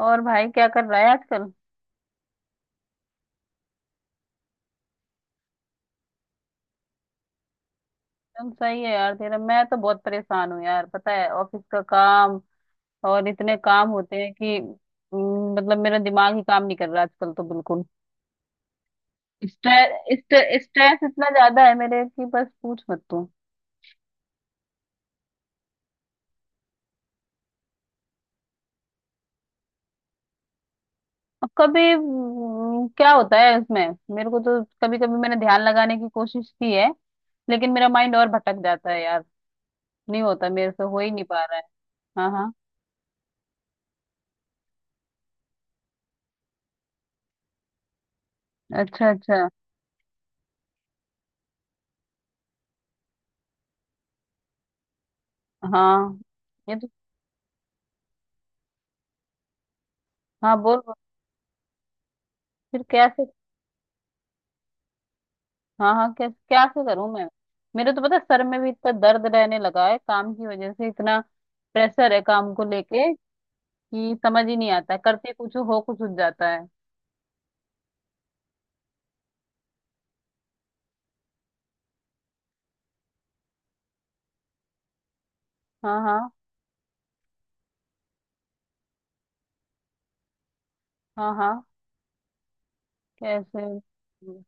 और भाई क्या कर रहा है आजकल। एकदम सही है यार तेरा। मैं तो बहुत परेशान हूँ यार, पता है ऑफिस का काम, और इतने काम होते हैं कि मतलब मेरा दिमाग ही काम नहीं कर रहा आजकल तो बिल्कुल। स्ट्रेस स्ट्रेस इतना ज्यादा है मेरे कि बस पूछ मत तू। अब कभी क्या होता है इसमें। मेरे को तो कभी कभी मैंने ध्यान लगाने की कोशिश की है, लेकिन मेरा माइंड और भटक जाता है यार। नहीं होता, मेरे से हो ही नहीं पा रहा है। हाँ हाँ। अच्छा अच्छा। हाँ ये तो। हाँ बोल बोल। फिर कैसे। हाँ हाँ, क्या क्या से करूं मैं। मेरे तो पता है सर में भी इतना दर्द रहने लगा है, काम की वजह से इतना प्रेशर है काम को लेके कि समझ ही नहीं आता है। करते कुछ हो, कुछ हो जाता है। हाँ हाँ। हाँ हाँ। कैसे। हम्म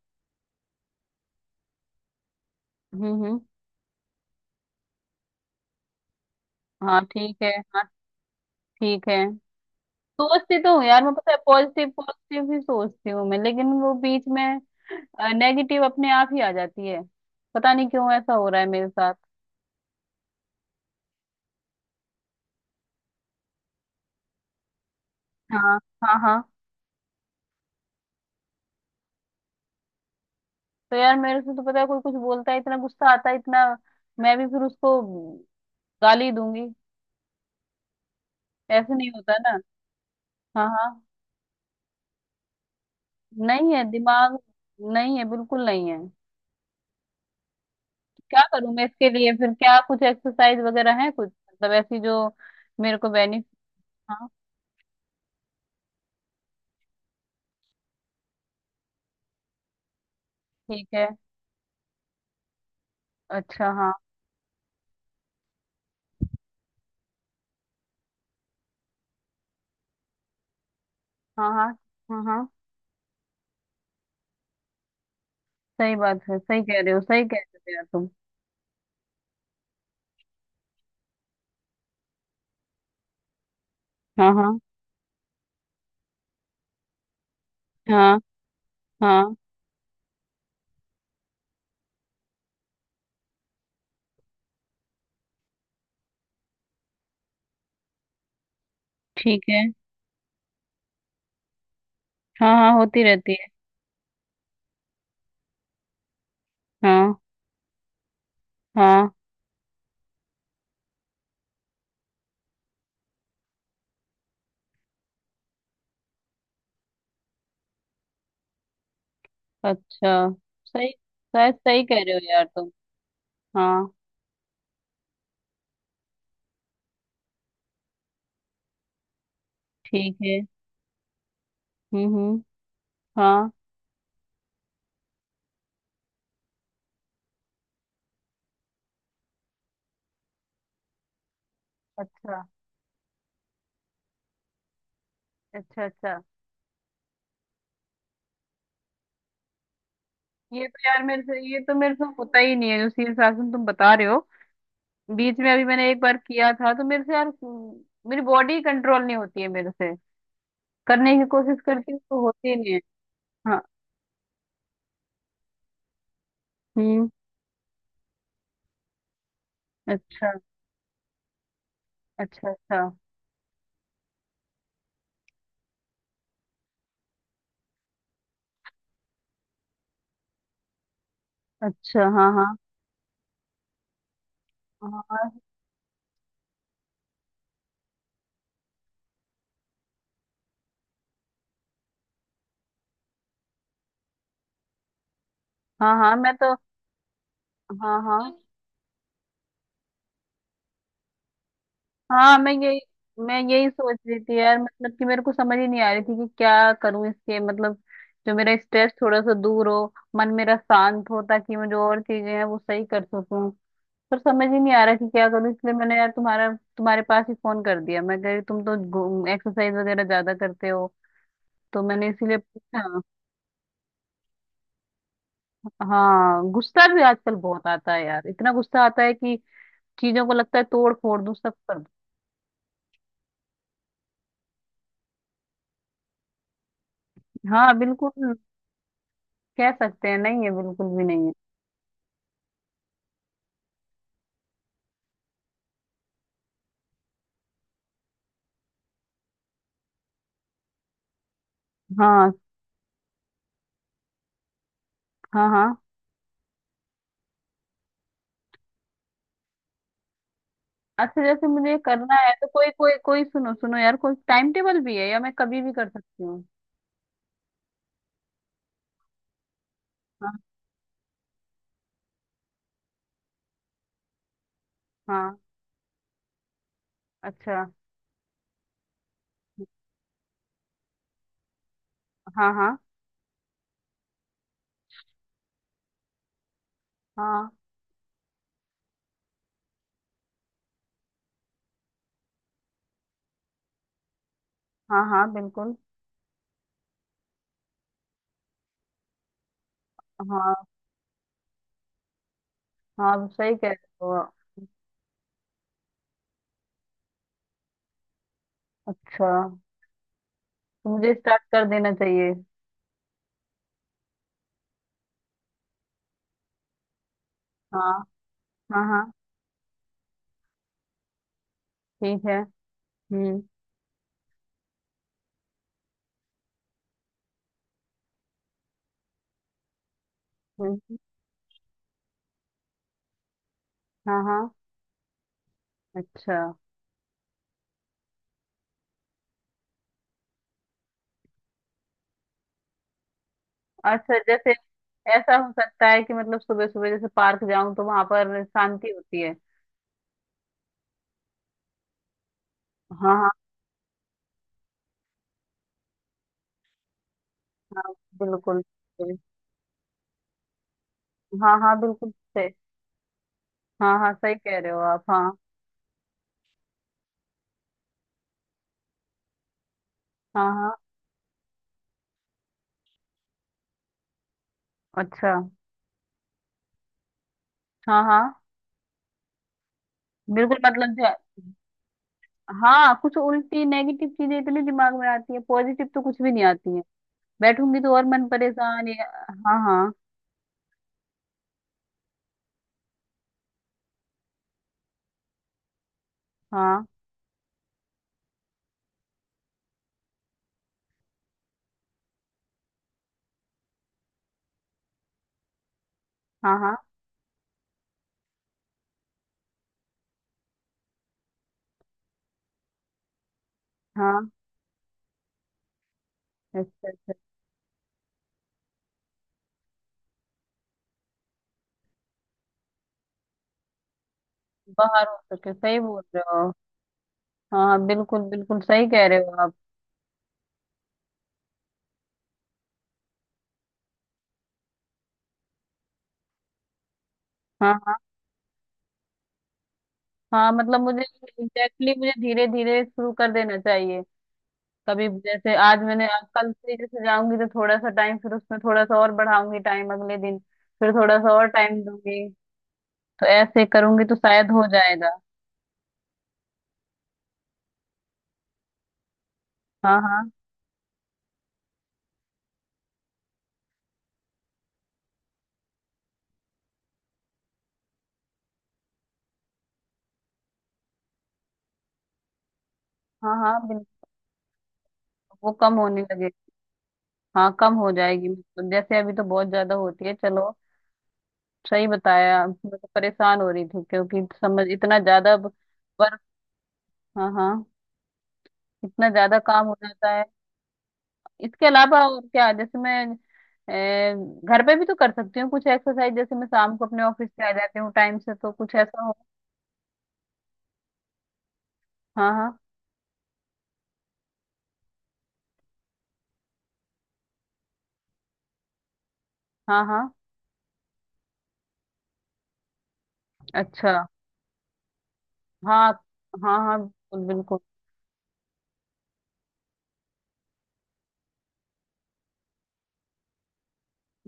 हम्म। हाँ ठीक है। हाँ ठीक है। सोचती तो हूँ यार मैं, पता है पॉजिटिव पॉजिटिव ही सोचती हूँ मैं, लेकिन वो बीच में नेगेटिव अपने आप ही आ जाती है। पता नहीं क्यों ऐसा हो रहा है मेरे साथ। हाँ हाँ। हाँ तो यार मेरे से तो, पता है कोई कुछ बोलता है इतना गुस्सा आता है इतना, मैं भी फिर उसको गाली दूंगी। ऐसे नहीं होता ना। हाँ हाँ। नहीं है दिमाग, नहीं है बिल्कुल नहीं है। क्या करूं मैं इसके लिए? फिर क्या कुछ एक्सरसाइज वगैरह है कुछ मतलब ऐसी जो मेरे को बेनिफिट। हाँ ठीक है। अच्छा हाँ हाँ। हाँ हाँ। हाँ सही बात है, सही कह रहे हो, सही कह रहे हो यार तुम। हाँ हाँ। हाँ हाँ। ठीक है। हाँ हाँ होती रहती है। हाँ हाँ। अच्छा। सही। शायद सही कह रहे हो यार तुम। हाँ ठीक है। हम्म। हाँ। अच्छा अच्छा। अच्छा ये तो यार मेरे से होता ही नहीं है जो शीर्ष आसन तुम बता रहे हो। बीच में अभी मैंने एक बार किया था तो मेरे से यार मेरी बॉडी कंट्रोल नहीं होती है मेरे से। करने की कोशिश करती हूँ तो होती ही नहीं है। हाँ। हम्म। अच्छा। अच्छा अच्छा। अच्छा हाँ हाँ। हाँ हाँ। हाँ हाँ, मैं तो। हाँ हाँ। हाँ मैं यही सोच रही थी यार, मतलब कि मेरे को समझ ही नहीं आ रही थी कि क्या करूं इसके, मतलब जो मेरा स्ट्रेस थोड़ा सा दूर हो, मन मेरा शांत हो, ताकि मैं जो और चीजें हैं वो सही कर सकूं। पर समझ ही नहीं आ रहा कि क्या करूं, इसलिए मैंने यार तुम्हारा तुम्हारे पास ही फोन कर दिया। मैं कह रही तुम तो एक्सरसाइज वगैरह ज्यादा करते हो, तो मैंने इसीलिए पूछा। हाँ गुस्सा भी आजकल बहुत आता है यार, इतना गुस्सा आता है कि चीजों को लगता है तोड़ फोड़ दूं, सब कर दूं। हाँ बिल्कुल। कह सकते हैं नहीं है, बिल्कुल भी नहीं है। हाँ हाँ। हाँ अच्छा जैसे मुझे करना है तो कोई कोई कोई सुनो सुनो यार, कोई टाइम टेबल भी है या मैं कभी भी कर सकती हूँ? हाँ हाँ। अच्छा। हाँ हाँ। हाँ हाँ। हाँ बिल्कुल। हाँ हाँ सही कह रहे हो। अच्छा तो मुझे स्टार्ट कर देना चाहिए। हाँ हाँ। हाँ ठीक है। हम्म। हम्म, हाँ हाँ। अच्छा अच्छा। जैसे ऐसा हो सकता है कि मतलब सुबह सुबह जैसे पार्क जाऊं तो वहां पर शांति होती है। हाँ हाँ। बिल्कुल। बिल्कुल। हाँ हाँ बिल्कुल। हाँ हाँ सही कह रहे हो आप। हाँ हाँ हाँ। अच्छा। हाँ हाँ। बिल्कुल मतलब जो, हाँ कुछ उल्टी नेगेटिव चीजें इतनी दिमाग में आती है, पॉजिटिव तो कुछ भी नहीं आती है। बैठूंगी तो और मन परेशान हाँ हाँ। हाँ हाँ। हाँ हाँ। अच्छा अच्छा। बाहर हो सके, सही बोल रहे हो। हाँ हाँ बिल्कुल बिल्कुल, सही कह रहे हो आप। हाँ हाँ। हाँ मतलब मुझे एग्जैक्टली exactly मुझे धीरे धीरे शुरू कर देना चाहिए। कभी जैसे आज मैंने, आज कल से जैसे जाऊंगी तो थोड़ा सा टाइम, फिर उसमें थोड़ा सा और बढ़ाऊंगी टाइम अगले दिन, फिर थोड़ा सा और टाइम दूंगी। तो ऐसे करूंगी तो शायद हो जाएगा। हाँ हाँ। हाँ हाँ बिल्कुल। वो कम होने लगे। हाँ कम हो जाएगी, मतलब जैसे अभी तो बहुत ज्यादा होती है। चलो सही बताया, मैं तो परेशान हो रही थी क्योंकि समझ, इतना ज्यादा वर्क। हाँ हाँ। इतना ज्यादा काम हो जाता है। इसके अलावा और क्या जैसे मैं अ, घर पे भी तो कर सकती हूँ कुछ एक्सरसाइज, जैसे मैं शाम को अपने ऑफिस से आ जाती हूँ टाइम से, तो कुछ ऐसा हो। हाँ हाँ। हाँ हाँ। अच्छा हाँ। हाँ हाँ बिल्कुल बिल्कुल।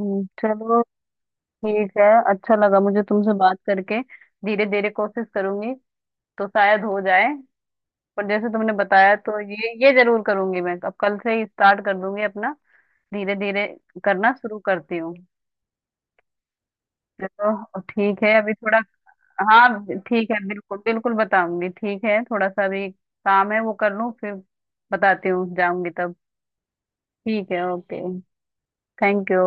चलो ठीक है। अच्छा लगा मुझे तुमसे बात करके। धीरे धीरे कोशिश करूंगी तो शायद हो जाए। पर जैसे तुमने बताया तो ये जरूर करूंगी मैं, अब कल से ही स्टार्ट कर दूंगी अपना। धीरे धीरे करना शुरू करती हूँ। चलो ठीक है अभी थोड़ा। हाँ ठीक है, बिल्कुल बिल्कुल बताऊंगी। ठीक है थोड़ा सा भी काम है वो कर लूँ, फिर बताती हूँ, जाऊंगी तब। ठीक है ओके। Thank you.